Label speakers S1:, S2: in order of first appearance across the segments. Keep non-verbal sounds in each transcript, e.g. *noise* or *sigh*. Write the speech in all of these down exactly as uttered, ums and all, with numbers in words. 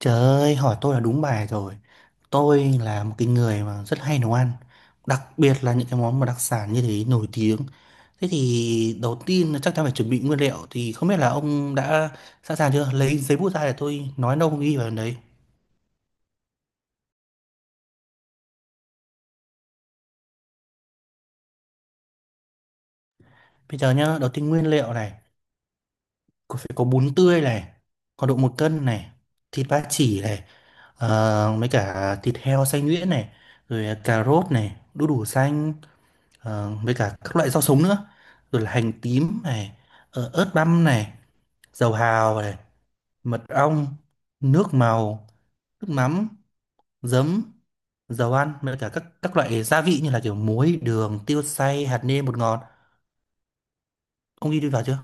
S1: Trời ơi, hỏi tôi là đúng bài rồi. Tôi là một cái người mà rất hay nấu ăn, đặc biệt là những cái món mà đặc sản như thế nổi tiếng. Thế thì đầu tiên là chắc chắn phải chuẩn bị nguyên liệu, thì không biết là ông đã sẵn sàng chưa? Lấy giấy bút ra để tôi nói nông ghi vào đấy. Bây giờ nhá, đầu tiên nguyên liệu này, có phải có bún tươi này, có độ một cân này, thịt ba chỉ này, ờ, mấy cả thịt heo xay nhuyễn này, rồi cà rốt này, đu đủ xanh. Ờ, với cả các loại rau sống nữa, rồi là hành tím này, ờ, ớt băm này, dầu hào này, mật ong, nước màu, nước mắm, giấm, dầu ăn, với cả các các loại gia vị như là kiểu muối, đường, tiêu xay, hạt nêm, bột ngọt. Ông ghi đi vào chưa?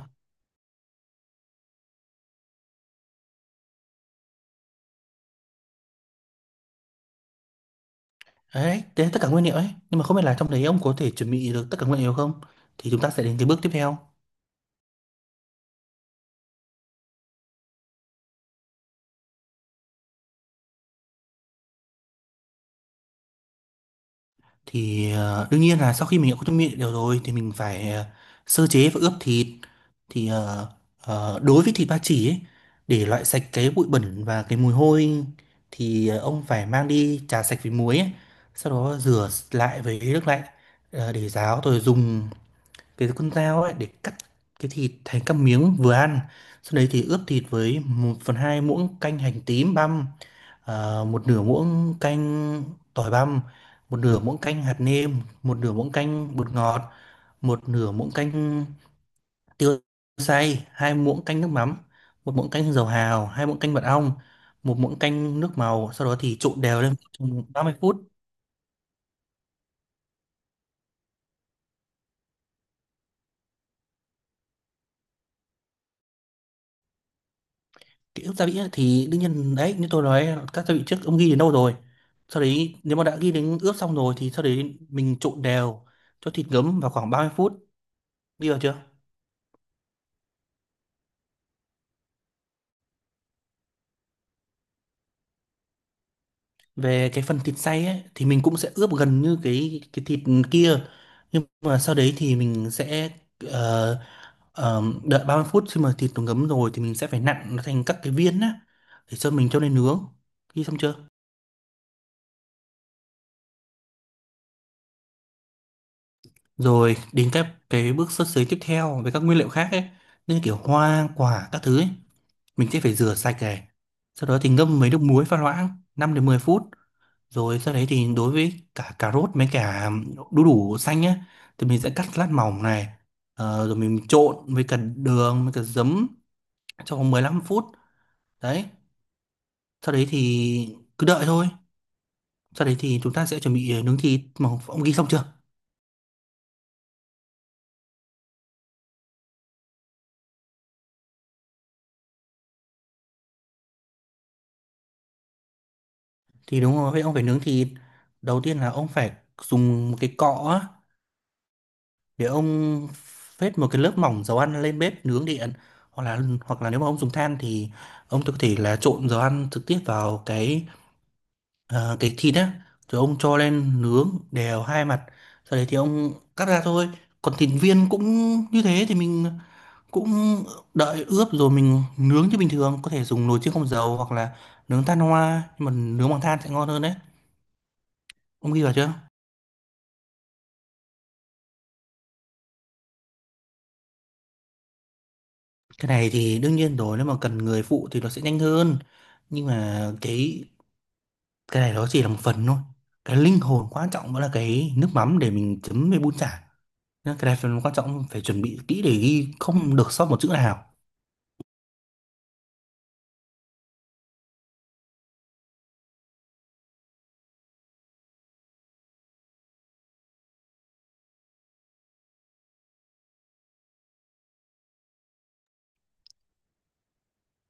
S1: Đấy, đấy là tất cả nguyên liệu ấy, nhưng mà không biết là trong đấy ông có thể chuẩn bị được tất cả nguyên liệu không, thì chúng ta sẽ đến cái bước tiếp theo. Thì ờ, đương nhiên là sau khi mình đã có tâm địa đều rồi thì mình phải ờ, sơ chế và ướp thịt. Thì ờ, ờ, đối với thịt ba chỉ ấy, để loại sạch cái bụi bẩn và cái mùi hôi, thì ờ, ông phải mang đi chà sạch với muối ấy. Sau đó rửa lại với nước lạnh, ờ, để ráo, rồi dùng cái con dao ấy để cắt cái thịt thành các miếng vừa ăn. Sau đấy thì ướp thịt với một phần hai muỗng canh hành tím băm, à, một nửa muỗng canh tỏi băm, một nửa muỗng canh hạt nêm, một nửa muỗng canh bột ngọt, một nửa muỗng canh tiêu xay, hai muỗng canh nước mắm, một muỗng canh dầu hào, hai muỗng canh mật ong, một muỗng canh nước màu. Sau đó thì trộn đều lên trong ba mươi phút. Kỹ ức gia vị ấy, thì đương nhiên đấy, như tôi nói các gia vị trước, ông ghi đến đâu rồi? Sau đấy nếu mà đã ghi đến ướp xong rồi thì sau đấy mình trộn đều cho thịt ngấm vào khoảng ba mươi phút. Đi vào chưa? Về cái phần thịt xay ấy, thì mình cũng sẽ ướp gần như cái cái thịt kia, nhưng mà sau đấy thì mình sẽ ờ, ờ, đợi ba mươi phút, khi mà thịt nó ngấm rồi thì mình sẽ phải nặn nó thành các cái viên á để cho mình cho lên nướng. Khi xong chưa? Rồi đến các cái bước sơ chế tiếp theo với các nguyên liệu khác ấy, như kiểu hoa quả các thứ ấy, mình sẽ phải rửa sạch này, sau đó thì ngâm với nước muối pha loãng năm đến mười phút. Rồi sau đấy thì đối với cả cà rốt với cả đu đủ xanh nhé, thì mình sẽ cắt lát mỏng này, ờ, rồi mình trộn với cả đường với cả giấm trong vòng mười lăm phút. Đấy, sau đấy thì cứ đợi thôi. Sau đấy thì chúng ta sẽ chuẩn bị nướng thịt. Mà ông ghi xong chưa? Thì đúng rồi, vậy ông phải nướng thịt. Đầu tiên là ông phải dùng một cái cọ á, để ông phết một cái lớp mỏng dầu ăn lên bếp nướng điện, hoặc là hoặc là nếu mà ông dùng than thì ông có thể là trộn dầu ăn trực tiếp vào cái. Ờ, cái thịt á, rồi ông cho lên nướng đều hai mặt, sau đấy thì ông cắt ra thôi. Còn thịt viên cũng như thế thì mình cũng đợi ướp rồi mình nướng như bình thường, có thể dùng nồi chiên không dầu hoặc là nướng than hoa, nhưng mà nướng bằng than sẽ ngon hơn đấy. Ông ghi vào chưa? Cái này thì đương nhiên rồi, nếu mà cần người phụ thì nó sẽ nhanh hơn, nhưng mà cái cái này nó chỉ là một phần thôi. Cái linh hồn quan trọng vẫn là cái nước mắm để mình chấm với bún chả. Nên cái này phần quan trọng phải chuẩn bị kỹ để ghi không được sót một chữ nào.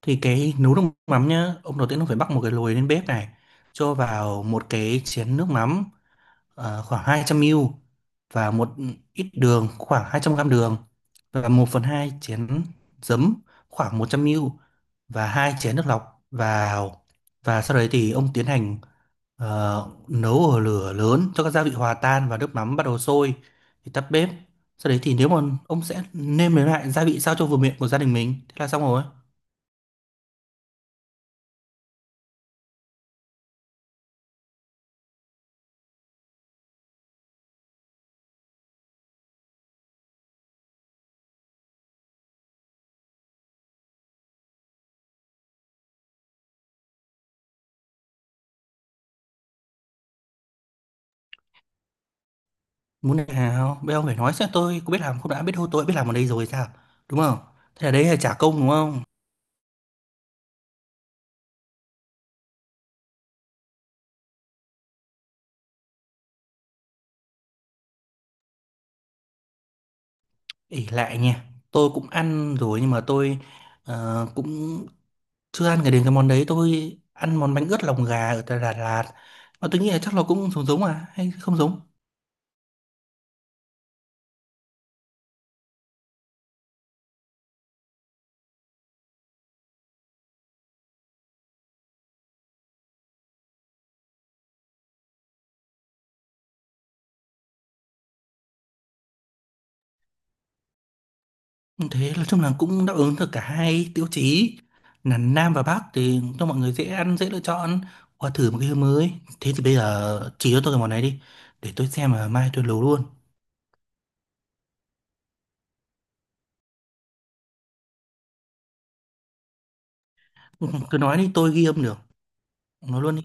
S1: Thì cái nấu nước mắm nhá ông, đầu tiên ông phải bắc một cái lồi lên bếp này, cho vào một cái chén nước mắm, ờ, khoảng hai trăm mi li lít, và một ít đường khoảng hai trăm gam đường, và một phần hai chén giấm khoảng một trăm mi li lít, và hai chén nước lọc vào. Và sau đấy thì ông tiến hành. Ờ, nấu ở lửa lớn cho các gia vị hòa tan và nước mắm bắt đầu sôi thì tắt bếp. Sau đấy thì nếu mà ông sẽ nêm nếm lại gia vị sao cho vừa miệng của gia đình mình, thế là xong rồi. Muốn này nào? Bây giờ ông phải nói xem tôi có biết làm không, đã biết thôi tôi đã biết làm ở đây rồi sao? Đúng không? Thế là đấy là trả công đúng không? Ỷ lại nha. Tôi cũng ăn rồi nhưng mà tôi ờ, cũng chưa ăn cái đến cái món đấy, tôi ăn món bánh ướt lòng gà ở tại Đà Lạt. Mà tôi nghĩ là chắc nó cũng giống giống, à hay không giống? Thế nói chung là cũng đáp ứng được cả hai tiêu chí, là Nam và Bắc, thì cho mọi người dễ ăn dễ lựa chọn, qua thử một cái hướng mới. Thế thì bây giờ chỉ cho tôi cái món này đi, để tôi xem mà mai tôi nấu luôn *laughs* Ừ, cứ nói đi, tôi ghi âm được. Nói luôn đi.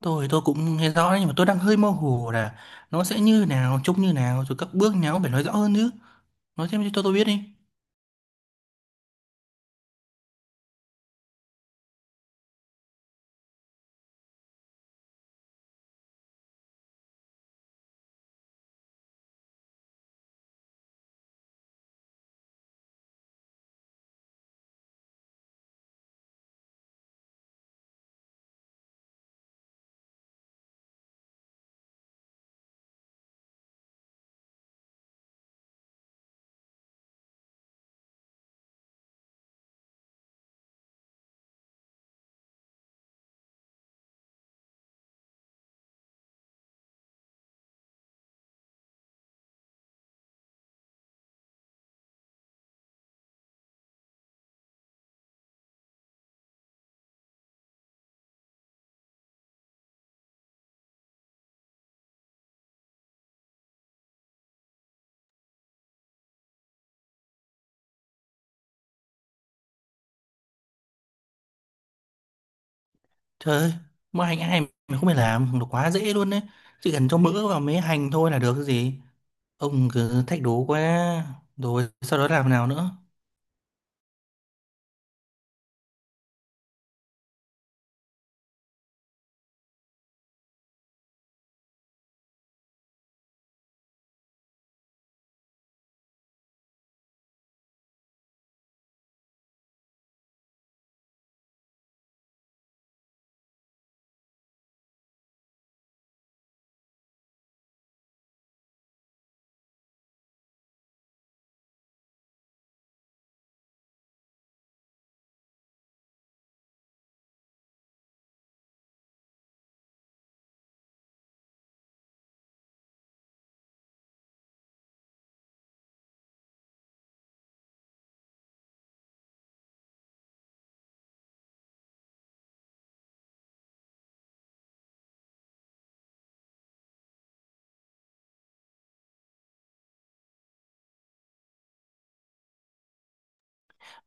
S1: Tôi tôi cũng nghe rõ đấy, nhưng mà tôi đang hơi mơ hồ là nó sẽ như nào, trông như nào, rồi các bước nào cũng phải nói rõ hơn chứ. Nói thêm cho tôi biết đi. Trời ơi, mua hành ai mà không phải làm, nó quá dễ luôn đấy, chỉ cần cho mỡ vào mấy hành thôi là được, cái gì. Ông cứ thách đố quá. Rồi sau đó làm nào nữa?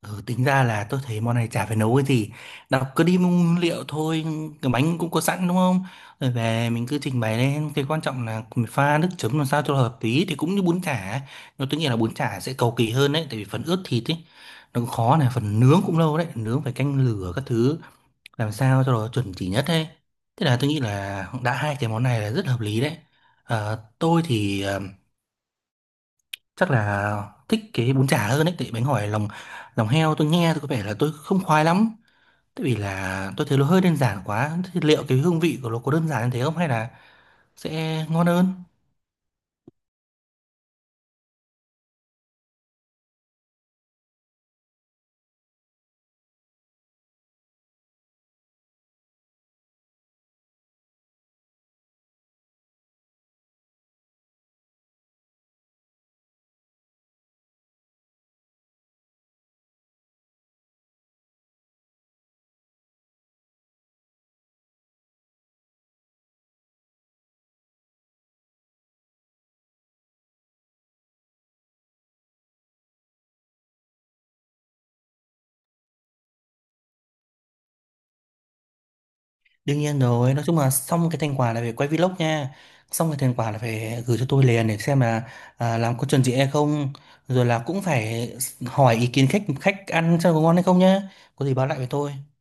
S1: Ừ, tính ra là tôi thấy món này chả phải nấu cái gì. Đọc cứ đi mua nguyên liệu thôi. Cái bánh cũng có sẵn đúng không? Rồi về mình cứ trình bày lên. Cái quan trọng là mình pha nước chấm làm sao cho hợp lý. Thì cũng như bún chả. Nhưng tôi nghĩ là bún chả sẽ cầu kỳ hơn đấy, tại vì phần ướp thịt ấy, nó cũng khó này. Phần nướng cũng lâu đấy, nướng phải canh lửa các thứ, làm sao cho nó chuẩn chỉ nhất đấy. Thế là tôi nghĩ là đã hai cái món này là rất hợp lý đấy. Ờ, tôi thì ờ, chắc là thích cái bún chả hơn ấy, tại bánh hỏi lòng lòng heo tôi nghe tôi có vẻ là tôi không khoái lắm, tại vì là tôi thấy nó hơi đơn giản quá. Thế liệu cái hương vị của nó có đơn giản như thế không, hay là sẽ ngon hơn? Đương nhiên rồi, nói chung là xong cái thành quả là phải quay vlog nha. Xong cái thành quả là phải gửi cho tôi liền để xem là à, làm có chuẩn gì hay không. Rồi là cũng phải hỏi ý kiến khách khách ăn xem có ngon hay không nhá. Có gì báo lại với tôi.